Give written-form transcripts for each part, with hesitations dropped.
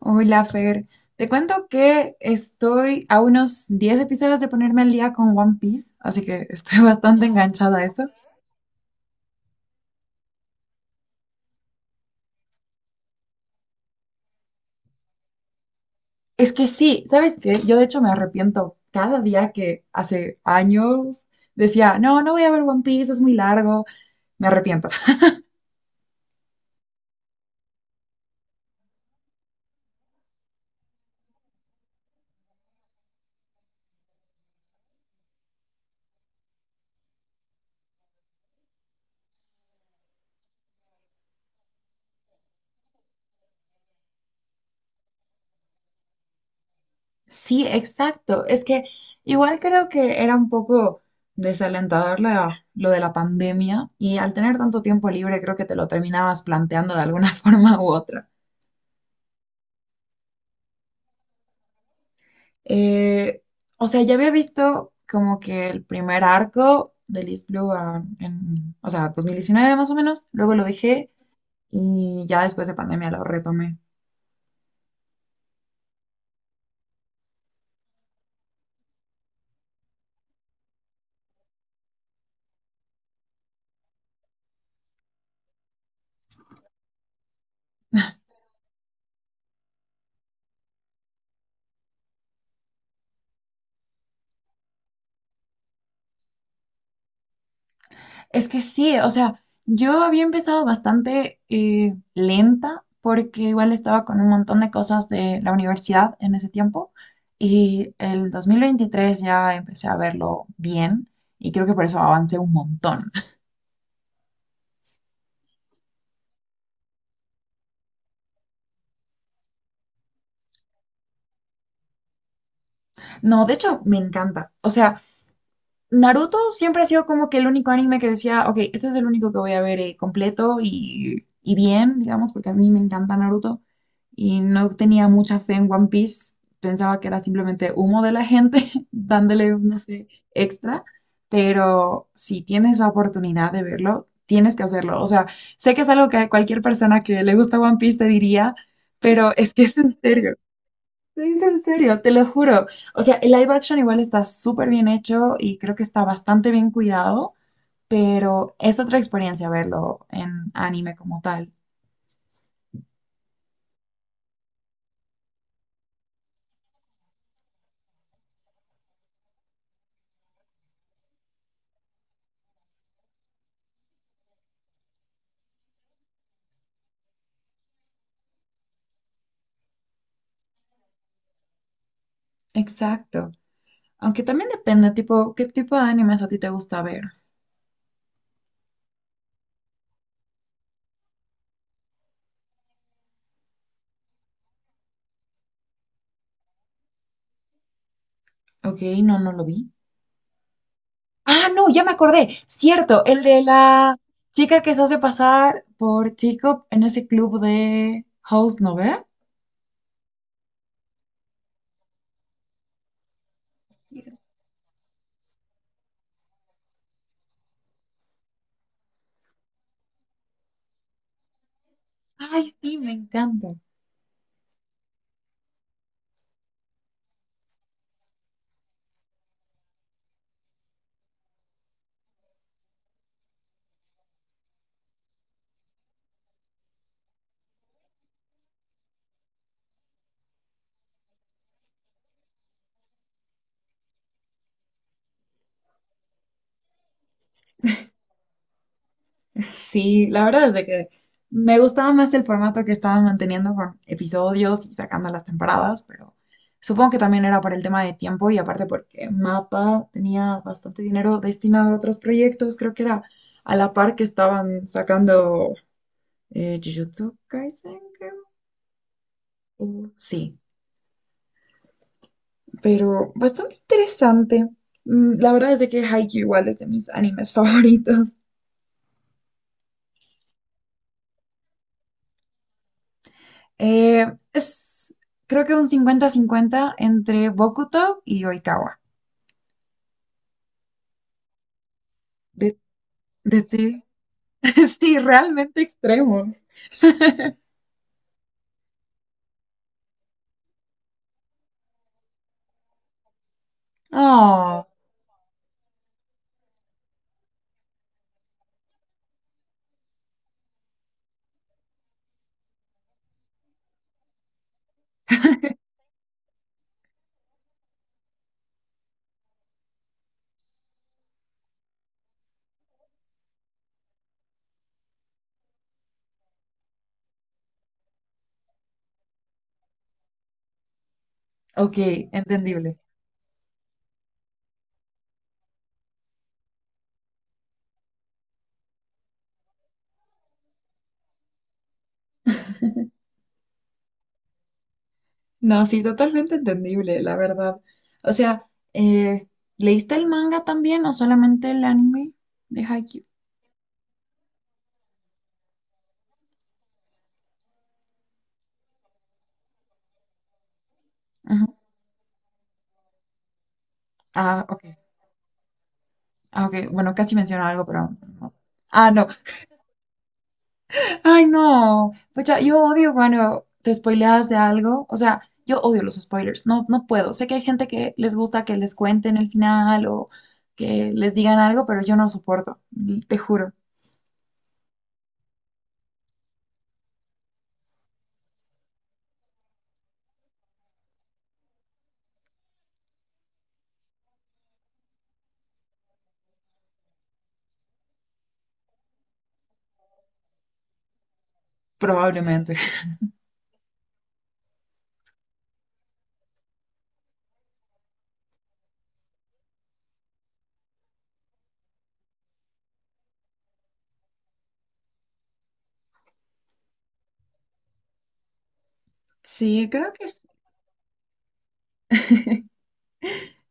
Hola, Fer. Te cuento que estoy a unos 10 episodios de ponerme al día con One Piece, así que estoy bastante enganchada a eso. Es que sí, ¿sabes qué? Yo de hecho me arrepiento cada día que hace años decía, no, no voy a ver One Piece, es muy largo, me arrepiento. Sí, exacto. Es que igual creo que era un poco desalentador lo de la pandemia y al tener tanto tiempo libre creo que te lo terminabas planteando de alguna forma u otra. Eh, o sea, ya había visto como que el primer arco de East Blue, o sea, 2019 más o menos, luego lo dejé y ya después de pandemia lo retomé. Es que sí, o sea, yo había empezado bastante lenta porque igual estaba con un montón de cosas de la universidad en ese tiempo y el 2023 ya empecé a verlo bien y creo que por eso avancé un montón. No, de hecho, me encanta. O sea... Naruto siempre ha sido como que el único anime que decía, ok, este es el único que voy a ver completo y bien, digamos, porque a mí me encanta Naruto y no tenía mucha fe en One Piece. Pensaba que era simplemente humo de la gente dándole, no sé, extra. Pero si tienes la oportunidad de verlo, tienes que hacerlo. O sea, sé que es algo que cualquier persona que le gusta One Piece te diría, pero es que es en serio. Te en serio, te lo juro. O sea, el live action igual está súper bien hecho y creo que está bastante bien cuidado, pero es otra experiencia verlo en anime como tal. Exacto. Aunque también depende, tipo, qué tipo de animes a ti te gusta ver. Ok, no, no lo vi. Ah, no, ya me acordé. Cierto, el de la chica que se hace pasar por chico en ese club de House, ¿no ve? Ay, sí, me encanta. Sí, la verdad es de que me gustaba más el formato que estaban manteniendo con episodios y sacando las temporadas, pero supongo que también era por el tema de tiempo y aparte porque Mapa tenía bastante dinero destinado a otros proyectos, creo que era a la par que estaban sacando Jujutsu Kaisen, creo. Sí, pero bastante interesante. Mm, la verdad es de que Haikyuu igual es de mis animes favoritos. Eh, es, creo que un 50-50 entre Bokuto y Oikawa. De, de ti. Sí, realmente extremos. Oh, ok, entendible. No, sí, totalmente entendible, la verdad. O sea, eh, ¿leíste el manga también o solamente el anime de Haikyuu? Ujú. Ah, ok. Ah, ok. Bueno, casi menciono algo, pero no. Ah, no. Ay, no. Pues yo odio cuando te spoileas de algo. O sea, yo odio los spoilers. No, no puedo. Sé que hay gente que les gusta que les cuenten el final o que les digan algo, pero yo no lo soporto. Te juro. Probablemente. Sí,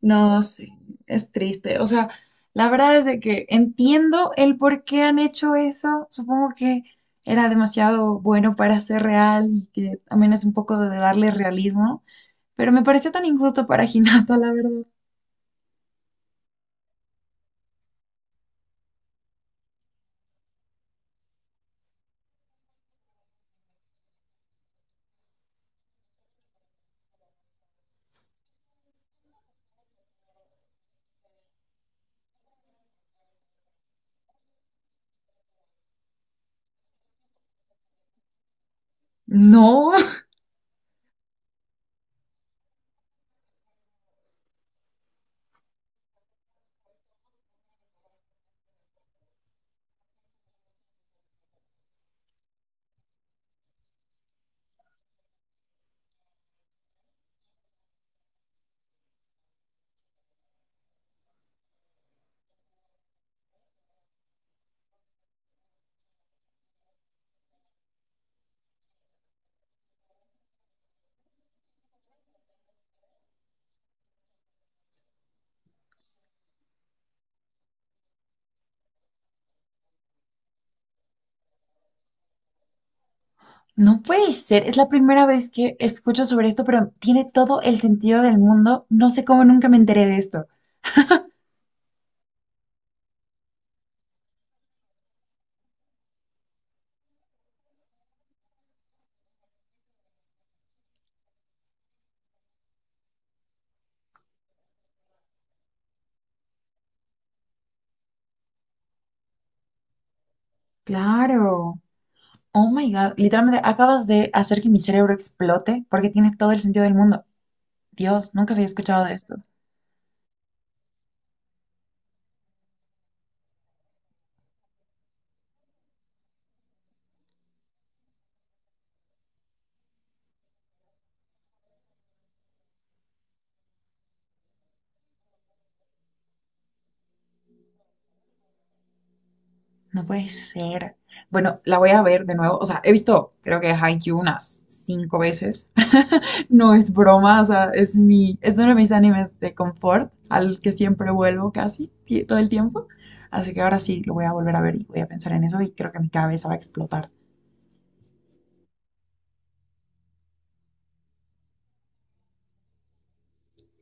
no, sé. Es triste. O sea, la verdad es de que entiendo el por qué han hecho eso. Supongo que era demasiado bueno para ser real y que también es un poco de darle realismo. Pero me pareció tan injusto para Hinata, la verdad. No, no puede ser. Es la primera vez que escucho sobre esto, pero tiene todo el sentido del mundo. No sé cómo nunca me enteré de esto. Claro. Oh my God. Literalmente acabas de hacer que mi cerebro explote porque tiene todo el sentido del mundo. Dios, nunca había escuchado de esto. No puede ser. Bueno, la voy a ver de nuevo. O sea, he visto, creo que Haikyuu unas cinco veces. No es broma, o sea, es uno de mis animes de confort, al que siempre vuelvo casi todo el tiempo. Así que ahora sí lo voy a volver a ver y voy a pensar en eso y creo que mi cabeza va a explotar.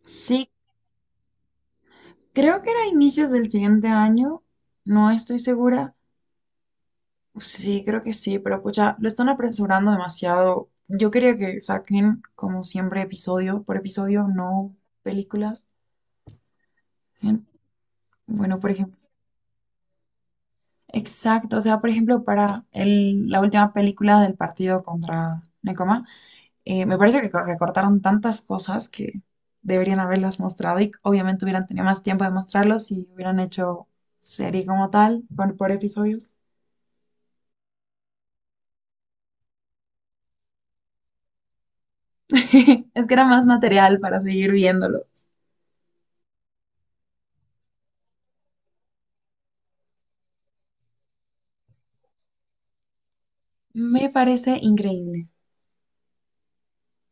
Sí, creo que era inicios del siguiente año, no estoy segura. Sí, creo que sí, pero pucha, lo están apresurando demasiado. Yo quería que saquen, como siempre, episodio por episodio, no películas. En- Bueno, por ejemplo, exacto, o sea, por ejemplo, para la última película del partido contra Nekoma, me parece que recortaron tantas cosas que deberían haberlas mostrado y obviamente hubieran tenido más tiempo de mostrarlos si hubieran hecho serie como tal, por episodios. Es que era más material para seguir viéndolo. Me parece increíble.